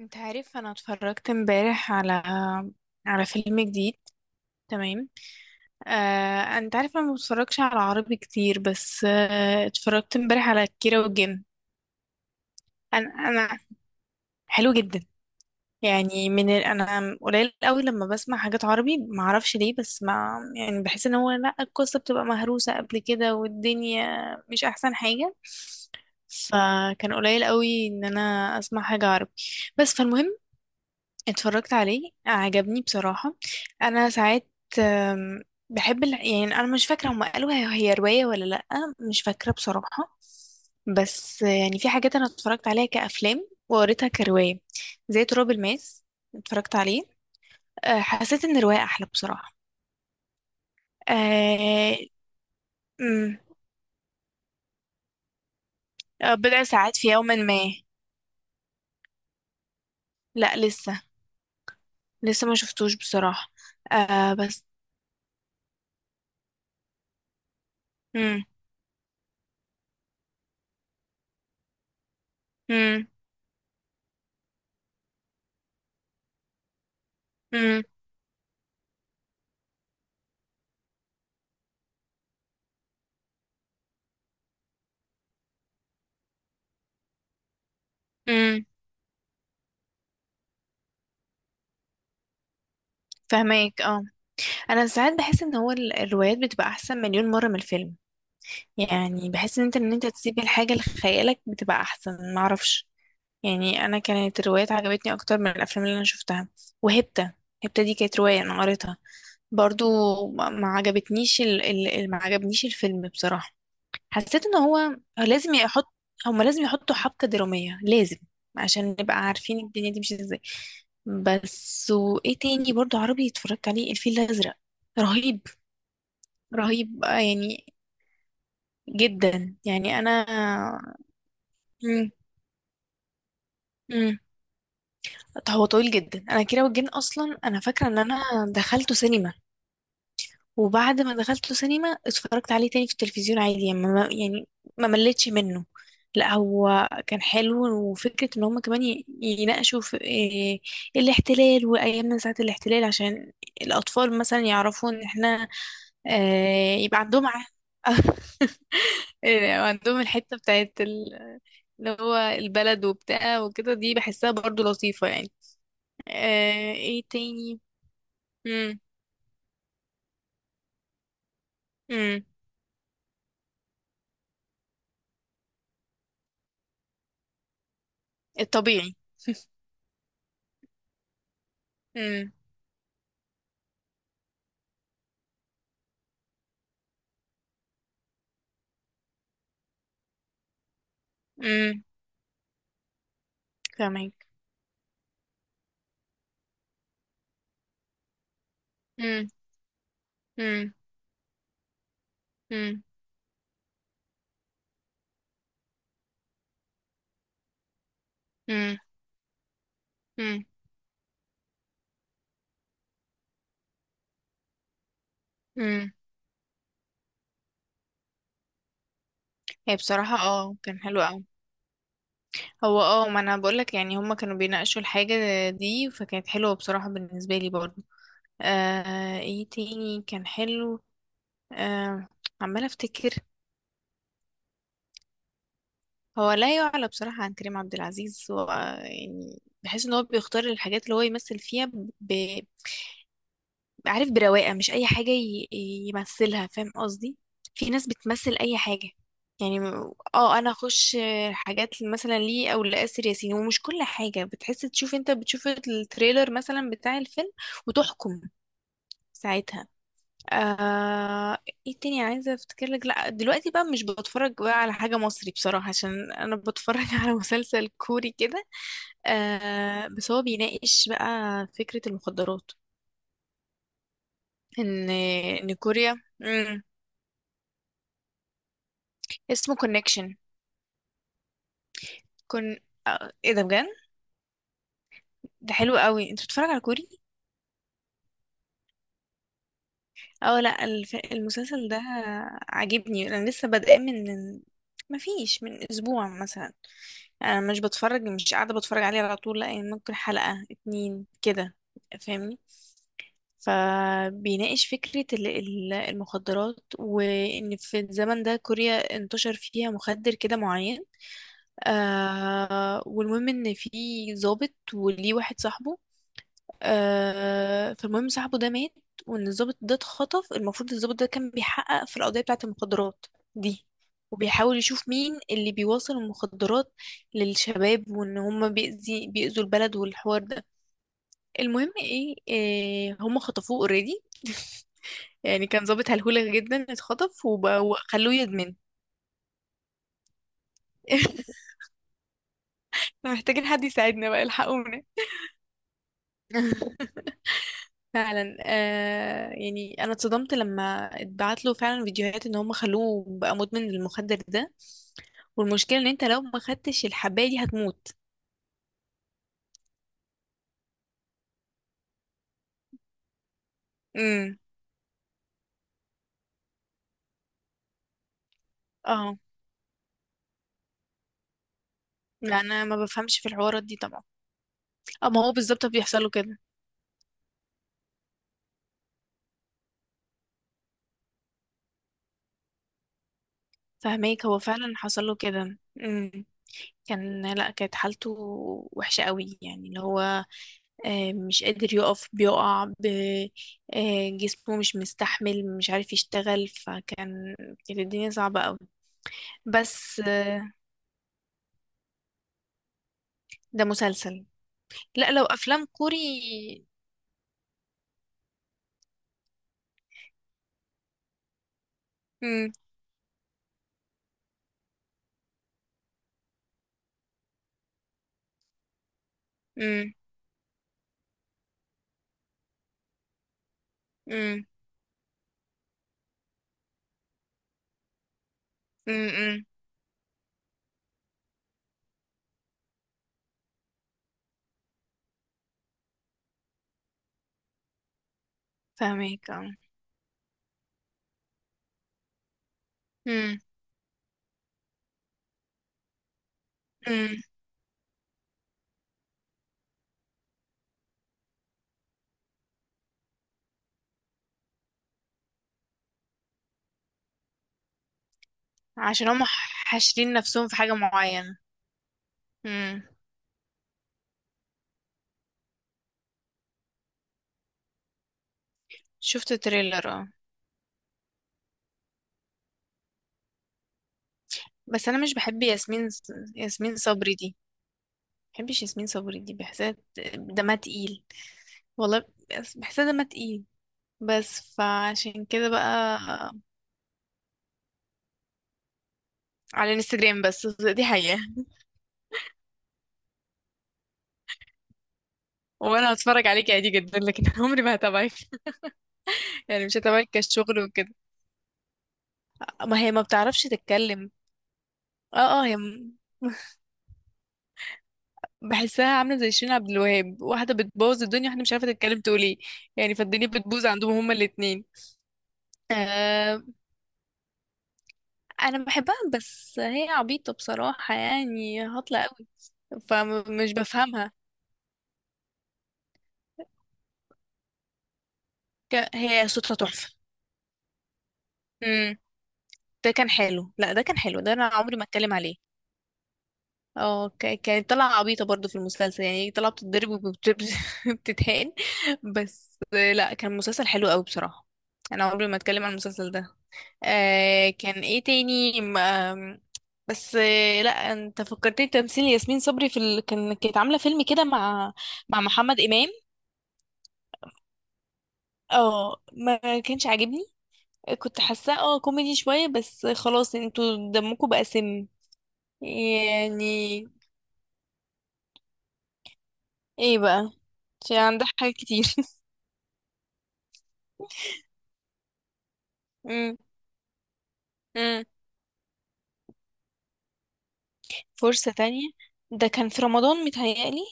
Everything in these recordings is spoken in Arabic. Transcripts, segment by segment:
انت عارف، انا اتفرجت امبارح على فيلم جديد. تمام. انت عارف انا ما بتفرجش على عربي كتير، بس اتفرجت امبارح على كيرة والجن. انا انا حلو جدا. يعني انا قليل قوي لما بسمع حاجات عربي، ما اعرفش ليه، بس ما يعني بحس ان هو لا، القصة بتبقى مهروسة قبل كده، والدنيا مش احسن حاجة. فكان قليل قوي ان انا اسمع حاجة عربي، بس فالمهم اتفرجت عليه، عجبني بصراحة. أنا ساعات آم، بحب يعني أنا مش فاكرة هما قالوا هي رواية ولا لأ. مش فاكرة بصراحة. بس يعني في حاجات أنا اتفرجت عليها كأفلام وقريتها كرواية، زي تراب الماس. اتفرجت عليه. حسيت إن الرواية أحلى بصراحة. آه، أمم، آه، بضع ساعات في يوم ما. لأ، لسه ما شفتوش بصراحة. بس... امم، امم، امم، امم. فهماك، اه. انا ساعات بحس ان هو الروايات بتبقى احسن مليون مره من الفيلم. يعني بحس ان انت تسيب الحاجه لخيالك، بتبقى احسن، معرفش. يعني انا كانت الروايات عجبتني اكتر من الافلام اللي انا شفتها. وهبتة هبتة دي كانت روايه انا قريتها برضو. ما ما عجبتنيش ال... ال... ال- ما عجبنيش الفيلم بصراحه. حسيت ان هو لازم يحط، هما لازم يحطوا حبكه دراميه لازم، عشان نبقى عارفين الدنيا دي مش ازاي. بس، وايه تاني برضو عربي اتفرجت عليه؟ الفيل الازرق. رهيب. رهيب يعني، جدا يعني انا... مم. مم. طب هو طويل جدا. انا كيرة والجن اصلا انا فاكره ان انا دخلته سينما، وبعد ما دخلته سينما اتفرجت عليه تاني في التلفزيون عادي يعني، ما يعني، ما مليتش منه. لا، هو كان حلو، وفكره ان هم كمان يناقشوا في إيه؟ الاحتلال وايامنا ساعه الاحتلال، عشان الاطفال مثلا يعرفوا ان احنا يبقى عندهم إيه، عندهم الحتة بتاعت اللي هو البلد وبتاع وكده، دي بحسها برضو لطيفة يعني. ايه تاني؟ مم. مم. الطبيعي. مم. مم. فاهمك. مم. مم. مم. مم. مم. مم. هي بصراحة كان حلو اوي. هو ما انا بقولك، يعني هما كانوا بيناقشوا الحاجة دي، فكانت حلوة بصراحة بالنسبة لي برضو. ايه تاني كان حلو؟ آه عمالة افتكر. هو لا يعلى بصراحة عن كريم عبد العزيز. هو يعني بحس ان هو بيختار الحاجات اللي هو يمثل فيها، ب... عارف، برواقة، مش اي حاجة يمثلها، فاهم قصدي؟ في ناس بتمثل اي حاجة. يعني انا اخش حاجات مثلا ليه او لآسر ياسين. ومش كل حاجة، بتحس تشوف، انت بتشوف التريلر مثلا بتاع الفيلم وتحكم ساعتها. آه... ايه تاني عايزة افتكر لك؟ لا، دلوقتي بقى مش بتفرج بقى على حاجة مصري بصراحة، عشان انا بتفرج على مسلسل كوري كده. بس هو بيناقش بقى فكرة المخدرات، ان ان كوريا... مم. اسمه كونكشن. كون ايه ده بجد؟ ده حلو قوي. انت بتتفرج على كوري؟ اه لا، المسلسل ده عاجبني. انا لسه بادئه من مفيش، من اسبوع مثلا. انا مش قاعده بتفرج عليه على طول، لا، يعني ممكن حلقه اتنين كده. فاهمني؟ فبيناقش فكره المخدرات، وان في الزمن ده كوريا انتشر فيها مخدر كده معين. والمهم ان في ضابط، وليه واحد صاحبه. فالمهم صاحبه ده مات، وان الضابط ده اتخطف. المفروض الضابط ده كان بيحقق في القضية بتاعة المخدرات دي، وبيحاول يشوف مين اللي بيوصل المخدرات للشباب، وان هما بيأذوا البلد والحوار ده. المهم إيه هما خطفوه اوريدي. يعني كان ضابط هلهولة جدا، اتخطف وخلوه يدمن. احنا محتاجين حد يساعدنا بقى، الحقونا. فعلا. يعني انا اتصدمت لما اتبعت له فعلا فيديوهات ان هم خلوه بقى مدمن للمخدر ده، والمشكله ان انت لو ما خدتش الحبايه دي هتموت. امم. اه لا، انا ما بفهمش في الحوارات دي طبعا. اه، ما هو بالظبط بيحصل له كده. فهماك، هو فعلا حصل له كده. امم. كان لا كانت حالته وحشه قوي يعني، اللي هو مش قادر يقف، بيقع جسمه مش مستحمل، مش عارف يشتغل، فكان... كانت الدنيا صعبة قوي. بس ده مسلسل. لا، لو افلام كوري... امم، امم، امم، امم. فاهمك، اه. امم، امم. عشان هم حاشرين نفسهم في حاجة معينة. امم. شفت تريلر، اه. بس انا مش بحب ياسمين، ياسمين صبري دي بحبش ياسمين صبري دي، بحسها دمها تقيل، والله. بحسها دمها تقيل، بس، فعشان كده بقى. على الانستجرام بس. دي حقيقة. وانا هتفرج عليك عادي جدا لكن عمري ما هتابعك، يعني مش هتعمل كشغل وكده. ما هي ما بتعرفش تتكلم. اه، اه. هي بحسها عامله زي شيرين عبد الوهاب، واحده بتبوظ الدنيا، واحده مش عارفه تتكلم تقول ايه. يعني فالدنيا بتبوظ عندهم هما الاتنين. آه انا بحبها، بس هي عبيطه بصراحه، يعني هطلة قوي، فمش بفهمها. هي صوتها تحفه. امم. ده كان حلو، لا ده كان حلو، ده انا عمري ما اتكلم عليه. اه، كانت طالعة عبيطة برضو في المسلسل، يعني طالعة بتتضرب وبتتهان. بس لا، كان مسلسل حلو قوي بصراحة. انا عمري ما اتكلم عن المسلسل ده. كان ايه تاني م- آم، بس لا، انت فكرتني بتمثيل ياسمين صبري في كانت عاملة فيلم كده مع محمد امام. اه، ما كانش عاجبني. كنت حاساه كوميدي شوية، بس خلاص، انتوا دمكم بقى سم يعني. ايه بقى؟ عشان عندها حاجات كتير. امم. فرصة تانية؟ ده كان في رمضان متهيألي.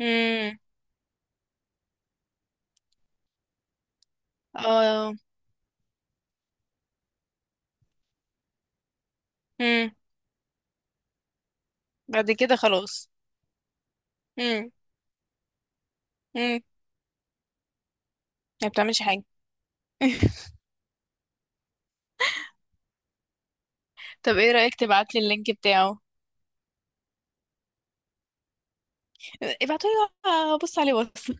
امم. اه. امم. بعد كده خلاص. امم. امم. ما بتعملش حاجة. طب، ايه رأيك تبعتلي اللينك بتاعه؟ ابعتولي وأبص عليه، واتس.